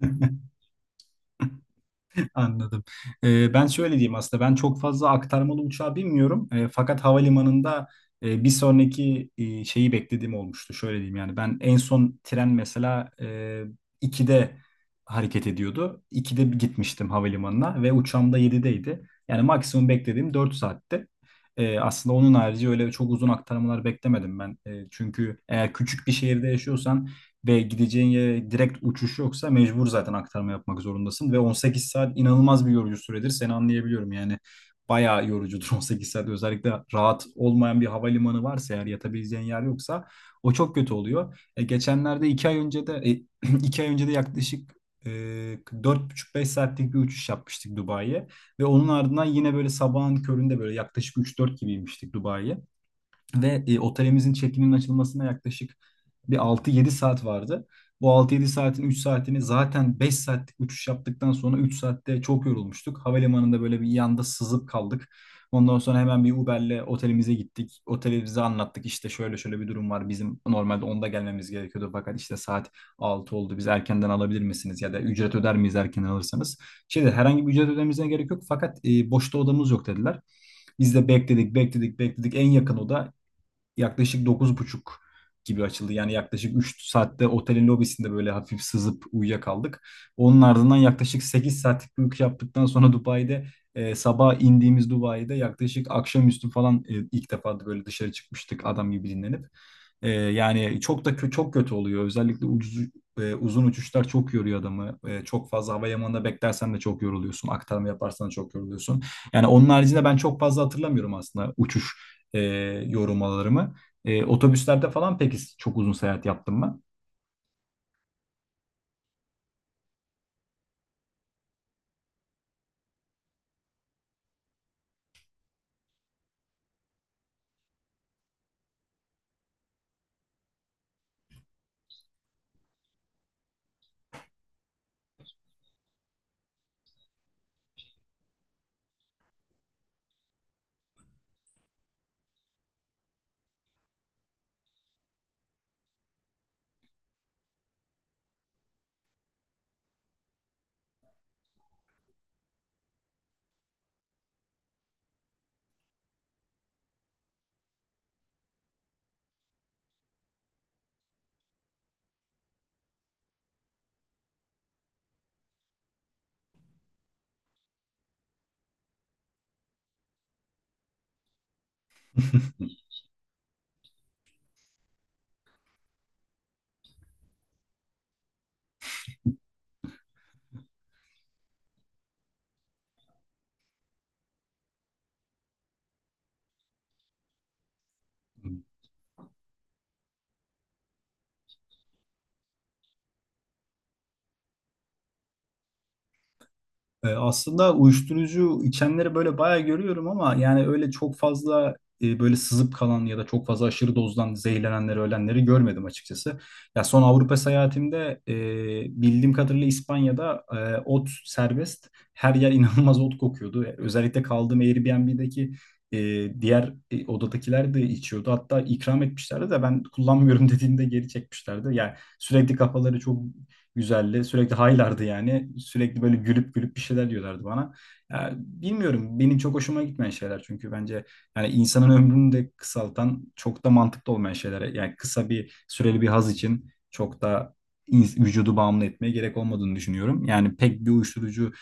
Anladım. Ben şöyle diyeyim aslında ben çok fazla aktarmalı uçağa binmiyorum. Fakat havalimanında bir sonraki şeyi beklediğim olmuştu. Şöyle diyeyim yani ben en son tren mesela 2'de hareket ediyordu. 2'de gitmiştim havalimanına ve uçağım da 7'deydi. Yani maksimum beklediğim 4 saatti. Aslında onun harici öyle çok uzun aktarmalar beklemedim ben. Çünkü eğer küçük bir şehirde yaşıyorsan ve gideceğin yere direkt uçuş yoksa mecbur zaten aktarma yapmak zorundasın. Ve 18 saat inanılmaz bir yorucu süredir. Seni anlayabiliyorum yani. Bayağı yorucudur 18 saat. Özellikle rahat olmayan bir havalimanı varsa eğer yatabileceğin yer yoksa o çok kötü oluyor. Geçenlerde 2 ay önce de 2 ay önce de yaklaşık e, 4,5-5 saatlik bir uçuş yapmıştık Dubai'ye. Ve onun ardından yine böyle sabahın köründe böyle yaklaşık 3-4 gibiymiştik Dubai'ye. Ve otelimizin check-in'in açılmasına yaklaşık bir 6-7 saat vardı. Bu 6-7 saatin 3 saatini zaten 5 saatlik uçuş yaptıktan sonra 3 saatte çok yorulmuştuk. Havalimanında böyle bir yanda sızıp kaldık. Ondan sonra hemen bir Uber'le otelimize gittik. Otelimize anlattık işte şöyle şöyle bir durum var. Bizim normalde onda gelmemiz gerekiyordu fakat işte saat 6 oldu. Biz erkenden alabilir misiniz ya da ücret öder miyiz erken alırsanız? Şimdi herhangi bir ücret ödememize gerek yok fakat boşta odamız yok dediler. Biz de bekledik, bekledik, bekledik. En yakın oda yaklaşık 9.30 gibi açıldı. Yani yaklaşık 3 saatte otelin lobisinde böyle hafif sızıp uyuyakaldık. Onun ardından yaklaşık 8 saatlik bir uyku yaptıktan sonra Dubai'de sabah indiğimiz Dubai'de yaklaşık akşamüstü falan ilk defa da böyle dışarı çıkmıştık adam gibi dinlenip. Yani çok da çok kötü oluyor. Özellikle ucuz uzun uçuşlar çok yoruyor adamı. Çok fazla hava limanında beklersen de çok yoruluyorsun. Aktarma yaparsan da çok yoruluyorsun. Yani onun haricinde ben çok fazla hatırlamıyorum aslında uçuş e, yorumlarımı. Otobüslerde falan peki çok uzun seyahat yaptım mı? Aslında uyuşturucu içenleri böyle bayağı görüyorum ama yani öyle çok fazla böyle sızıp kalan ya da çok fazla aşırı dozdan zehirlenenleri, ölenleri görmedim açıkçası. Ya son Avrupa seyahatimde bildiğim kadarıyla İspanya'da ot serbest. Her yer inanılmaz ot kokuyordu. Özellikle kaldığım Airbnb'deki e, diğer odadakiler de içiyordu. Hatta ikram etmişlerdi de ben kullanmıyorum dediğimde geri çekmişlerdi. Yani sürekli kafaları çok güzeldi. Sürekli haylardı yani. Sürekli böyle gülüp gülüp bir şeyler diyorlardı bana. Ya, bilmiyorum benim çok hoşuma gitmeyen şeyler çünkü bence yani insanın ömrünü de kısaltan çok da mantıklı olmayan şeyler. Yani kısa bir süreli bir haz için çok da vücudu bağımlı etmeye gerek olmadığını düşünüyorum. Yani pek bir uyuşturucu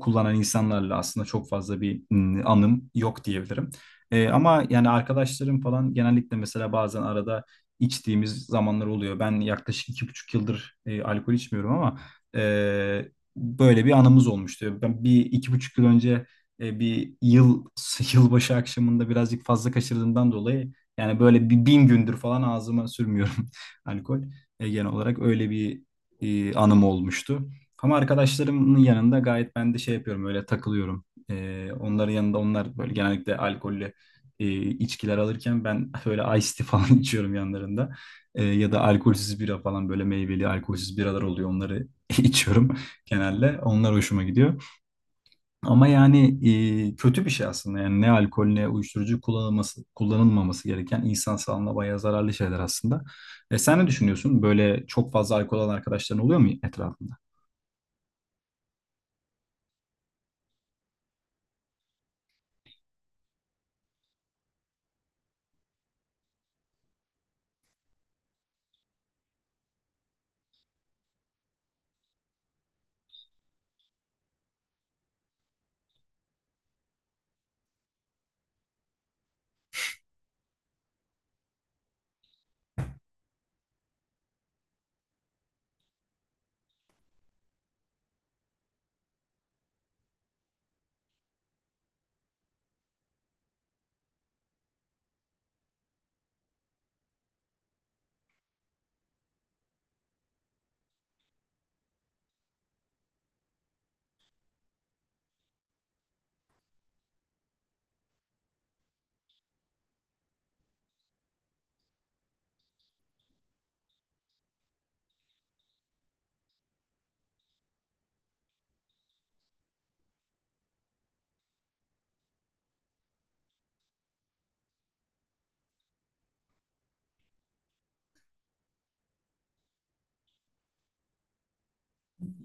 kullanan insanlarla aslında çok fazla bir anım yok diyebilirim. Ama yani arkadaşlarım falan genellikle mesela bazen arada içtiğimiz zamanlar oluyor. Ben yaklaşık 2,5 yıldır alkol içmiyorum ama e, böyle bir anımız olmuştu. Ben bir 2,5 yıl önce bir yıl yılbaşı akşamında birazcık fazla kaçırdığımdan dolayı yani böyle bir 1000 gündür falan ağzıma sürmüyorum alkol. Genel olarak öyle bir anım olmuştu. Ama arkadaşlarımın yanında gayet ben de şey yapıyorum öyle takılıyorum. Onların yanında onlar böyle genellikle alkollü içkiler alırken ben böyle iced tea falan içiyorum yanlarında. Ya da alkolsüz bira falan böyle meyveli alkolsüz biralar oluyor. Onları içiyorum genelde. Onlar hoşuma gidiyor. Ama yani kötü bir şey aslında. Yani ne alkol ne uyuşturucu kullanılması, kullanılmaması gereken insan sağlığına bayağı zararlı şeyler aslında. Sen ne düşünüyorsun? Böyle çok fazla alkol alan arkadaşların oluyor mu etrafında?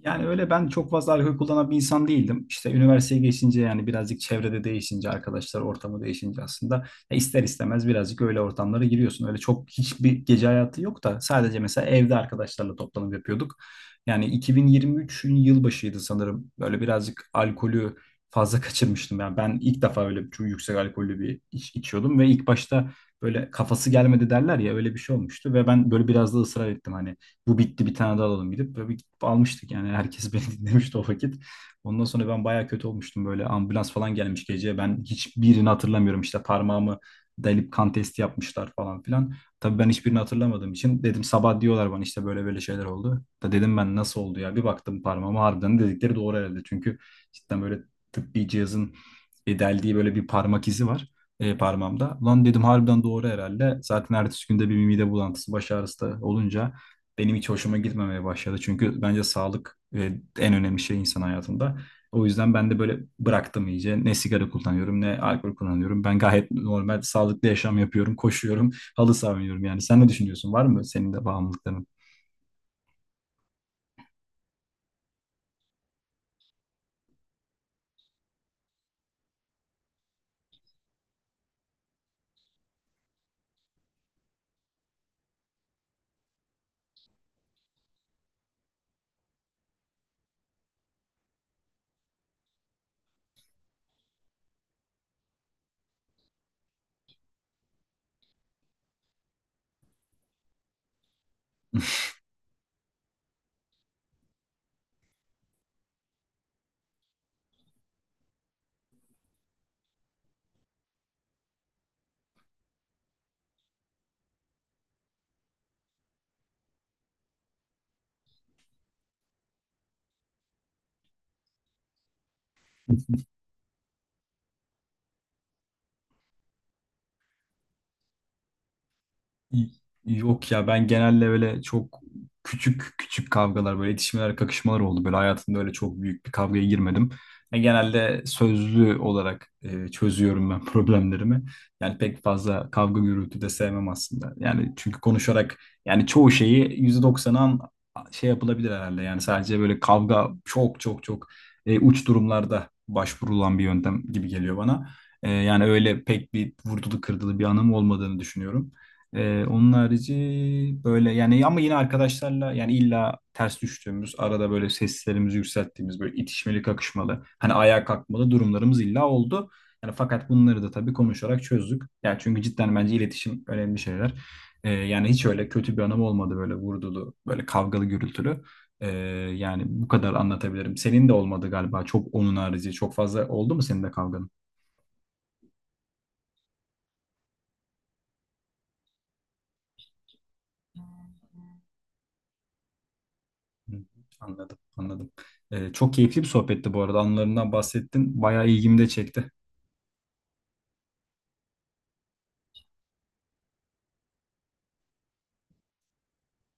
Yani öyle ben çok fazla alkol kullanan bir insan değildim. İşte üniversiteye geçince yani birazcık çevrede değişince, arkadaşlar ortamı değişince aslında ya ister istemez birazcık öyle ortamlara giriyorsun. Öyle çok hiçbir gece hayatı yok da sadece mesela evde arkadaşlarla toplanıp yapıyorduk. Yani 2023'ün yılbaşıydı sanırım. Böyle birazcık alkolü fazla kaçırmıştım. Yani ben ilk defa öyle çok yüksek alkollü bir iç içiyordum ve ilk başta böyle kafası gelmedi derler ya öyle bir şey olmuştu ve ben böyle biraz da ısrar ettim hani bu bitti bir tane daha alalım gidip böyle bir gidip almıştık yani herkes beni dinlemişti o vakit. Ondan sonra ben bayağı kötü olmuştum böyle ambulans falan gelmiş gece ben hiçbirini hatırlamıyorum işte parmağımı delip kan testi yapmışlar falan filan. Tabii ben hiçbirini hatırlamadığım için dedim sabah diyorlar bana işte böyle böyle şeyler oldu. Da dedim ben nasıl oldu ya bir baktım parmağıma harbiden dedikleri doğru herhalde çünkü cidden böyle tıbbi cihazın deldiği böyle bir parmak izi var parmağımda. Lan dedim harbiden doğru herhalde. Zaten ertesi günde bir mide bulantısı, baş ağrısı da olunca benim hiç hoşuma gitmemeye başladı. Çünkü bence sağlık en önemli şey insan hayatında. O yüzden ben de böyle bıraktım iyice. Ne sigara kullanıyorum ne alkol kullanıyorum. Ben gayet normal sağlıklı yaşam yapıyorum. Koşuyorum, halı saha oynuyorum yani. Sen ne düşünüyorsun? Var mı senin de bağımlılıkların? Yok ya ben genelde böyle çok küçük küçük kavgalar böyle itişmeler kakışmalar oldu. Böyle hayatımda öyle çok büyük bir kavgaya girmedim. Yani genelde sözlü olarak çözüyorum ben problemlerimi. Yani pek fazla kavga gürültü de sevmem aslında. Yani çünkü konuşarak yani çoğu şeyi %90'an şey yapılabilir herhalde. Yani sadece böyle kavga çok çok çok uç durumlarda başvurulan bir yöntem gibi geliyor bana. Yani öyle pek bir vurdulu kırdılı bir anım olmadığını düşünüyorum. Onun harici böyle yani ama yine arkadaşlarla yani illa ters düştüğümüz arada böyle seslerimizi yükselttiğimiz böyle itişmeli kakışmalı hani ayağa kalkmalı durumlarımız illa oldu. Yani fakat bunları da tabii konuşarak çözdük. Yani çünkü cidden bence iletişim önemli şeyler. Yani hiç öyle kötü bir anım olmadı böyle vurdulu böyle kavgalı gürültülü. Ee, yani bu kadar anlatabilirim. Senin de olmadı galiba çok onun harici çok fazla oldu mu senin de kavga? Hı, anladım, anladım. Çok keyifli bir sohbetti bu arada. Anılarından bahsettin. Bayağı ilgimi de çekti.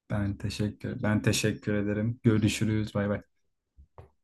Ben teşekkür ederim. Görüşürüz. Bay bay.